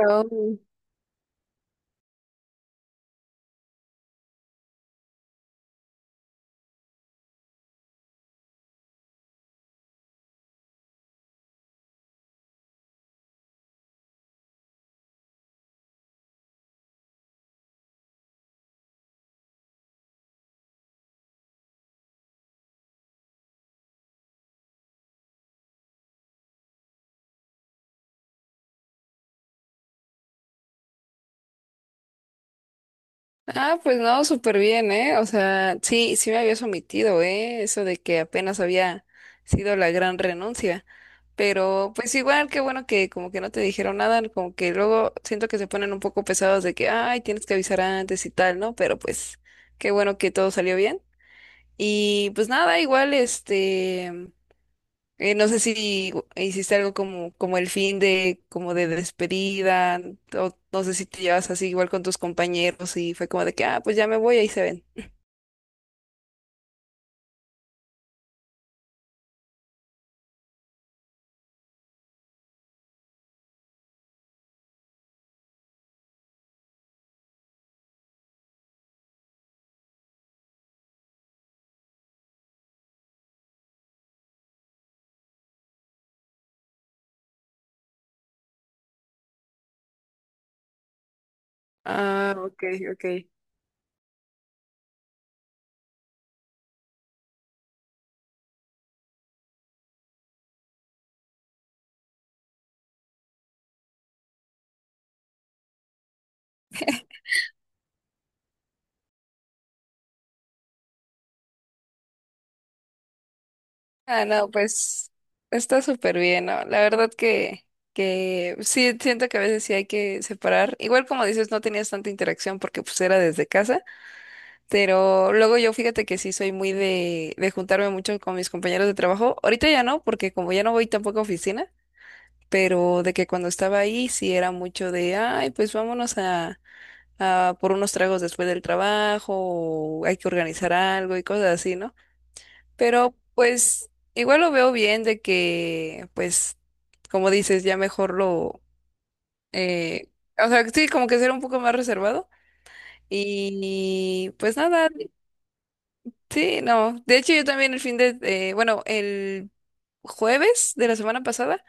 Oh. Ah, pues no, súper bien, ¿eh? O sea, sí, sí me habías omitido, ¿eh? Eso de que apenas había sido la gran renuncia. Pero pues igual, qué bueno que como que no te dijeron nada, como que luego siento que se ponen un poco pesados de que, ay, tienes que avisar antes y tal, ¿no? Pero pues qué bueno que todo salió bien. Y pues nada, igual, este... No sé si hiciste algo como, como el fin de, como de despedida, o no sé si te llevas así igual con tus compañeros y fue como de que, ah, pues ya me voy, ahí se ven. Ah, ok, ok. Ah, no, pues está súper bien, ¿no? La verdad que sí, siento que a veces sí hay que separar. Igual como dices, no tenías tanta interacción porque pues era desde casa, pero luego yo fíjate que sí soy muy de juntarme mucho con mis compañeros de trabajo. Ahorita ya no, porque como ya no voy tampoco a oficina, pero de que cuando estaba ahí sí era mucho de, ay, pues vámonos a por unos tragos después del trabajo, o hay que organizar algo y cosas así, ¿no? Pero pues igual lo veo bien de que, pues, como dices, ya mejor lo, eh, o sea, sí, como que ser un poco más reservado. Y pues nada, sí, no. De hecho, yo también el fin de, bueno, el jueves de la semana pasada,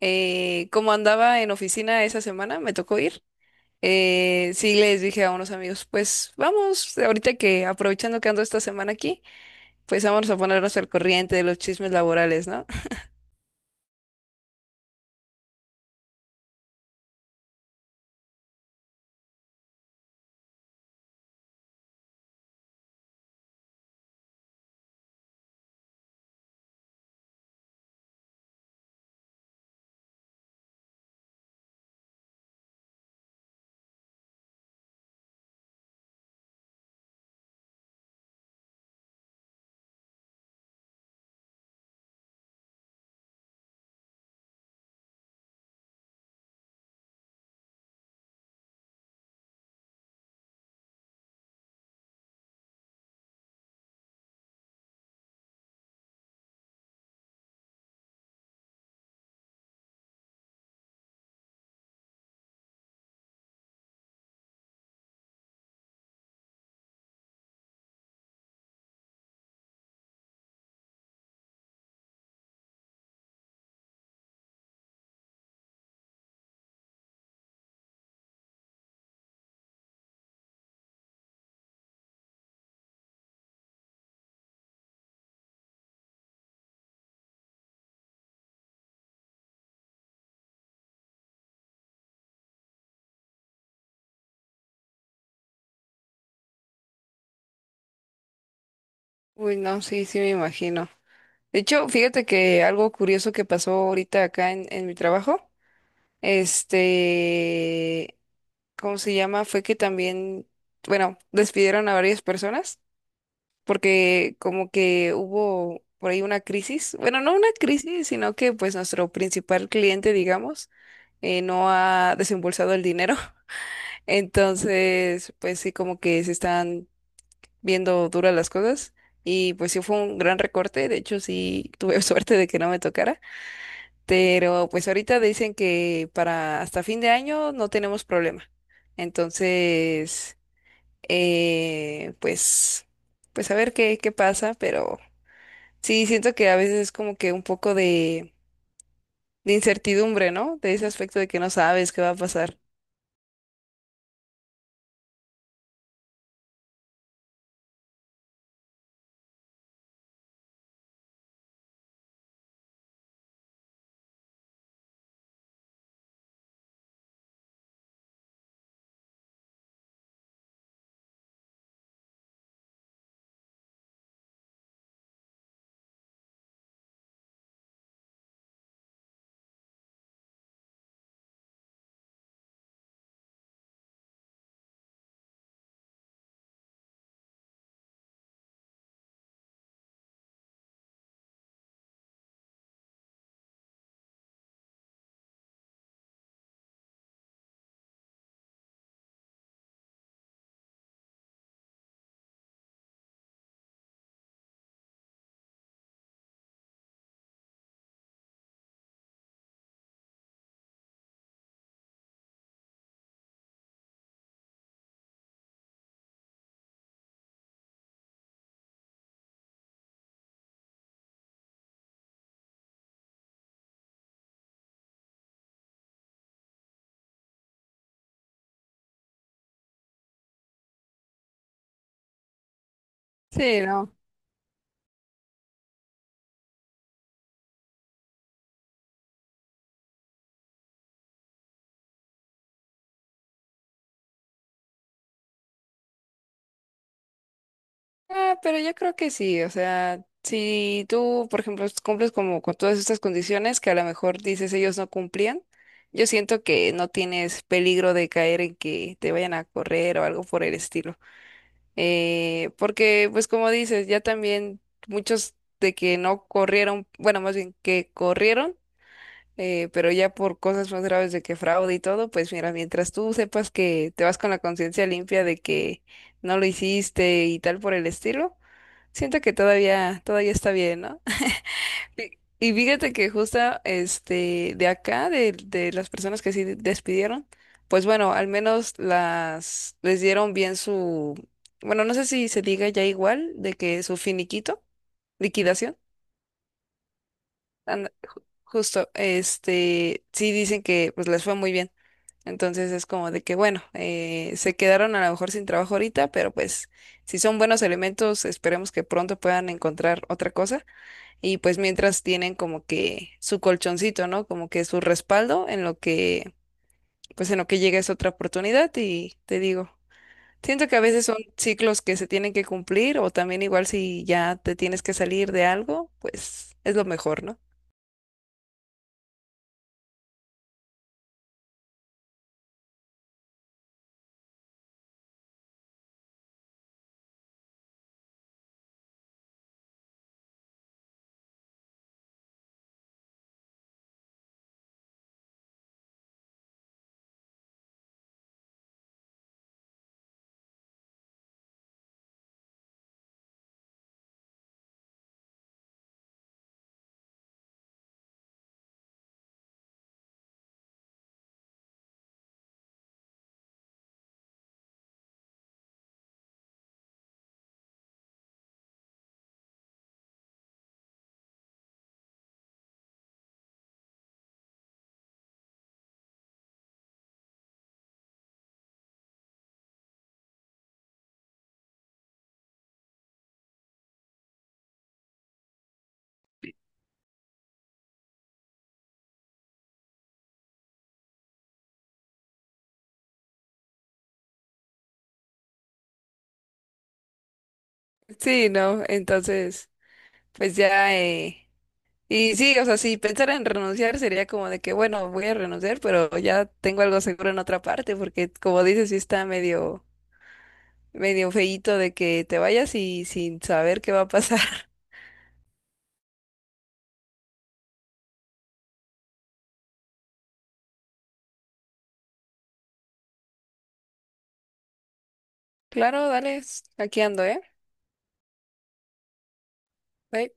como andaba en oficina esa semana, me tocó ir. Sí, les dije a unos amigos, pues vamos, ahorita que aprovechando que ando esta semana aquí, pues vamos a ponernos al corriente de los chismes laborales, ¿no? Uy, no, sí, sí me imagino. De hecho, fíjate que algo curioso que pasó ahorita acá en mi trabajo, este, ¿cómo se llama? Fue que también, bueno, despidieron a varias personas, porque como que hubo por ahí una crisis, bueno, no una crisis, sino que pues nuestro principal cliente, digamos, no ha desembolsado el dinero, entonces pues sí como que se están viendo duras las cosas y pues sí fue un gran recorte, de hecho sí tuve suerte de que no me tocara, pero pues ahorita dicen que para hasta fin de año no tenemos problema, entonces eh, pues pues a ver qué, qué pasa, pero... Sí, siento que a veces es como que un poco de incertidumbre, ¿no? De ese aspecto de que no sabes qué va a pasar. Sí, no. Ah, pero yo creo que sí, o sea, si tú, por ejemplo, cumples como con todas estas condiciones que a lo mejor dices ellos no cumplían, yo siento que no tienes peligro de caer en que te vayan a correr o algo por el estilo. Porque, pues como dices, ya también muchos de que no corrieron, bueno, más bien que corrieron. Pero ya por cosas más graves de que fraude y todo, pues mira, mientras tú sepas que te vas con la conciencia limpia de que no lo hiciste y tal por el estilo, siento que todavía está bien, ¿no? Y y fíjate que justo este de acá, de las personas que sí despidieron, pues bueno, al menos las les dieron bien su, bueno, no sé si se diga ya igual, de que su finiquito, liquidación, anda- justo, este, sí dicen que pues les fue muy bien. Entonces es como de que, bueno, se quedaron a lo mejor sin trabajo ahorita, pero pues si son buenos elementos, esperemos que pronto puedan encontrar otra cosa. Y pues mientras tienen como que su colchoncito, ¿no? Como que su respaldo en lo que, pues en lo que llega es otra oportunidad y te digo. Siento que a veces son ciclos que se tienen que cumplir o también igual si ya te tienes que salir de algo, pues es lo mejor, ¿no? Sí, no, entonces, pues ya, y sí, o sea, si pensara en renunciar sería como de que, bueno, voy a renunciar, pero ya tengo algo seguro en otra parte, porque como dices, sí está medio, medio feíto de que te vayas y sin saber qué va a pasar. Claro, dale, aquí ando, ¿eh? Bye.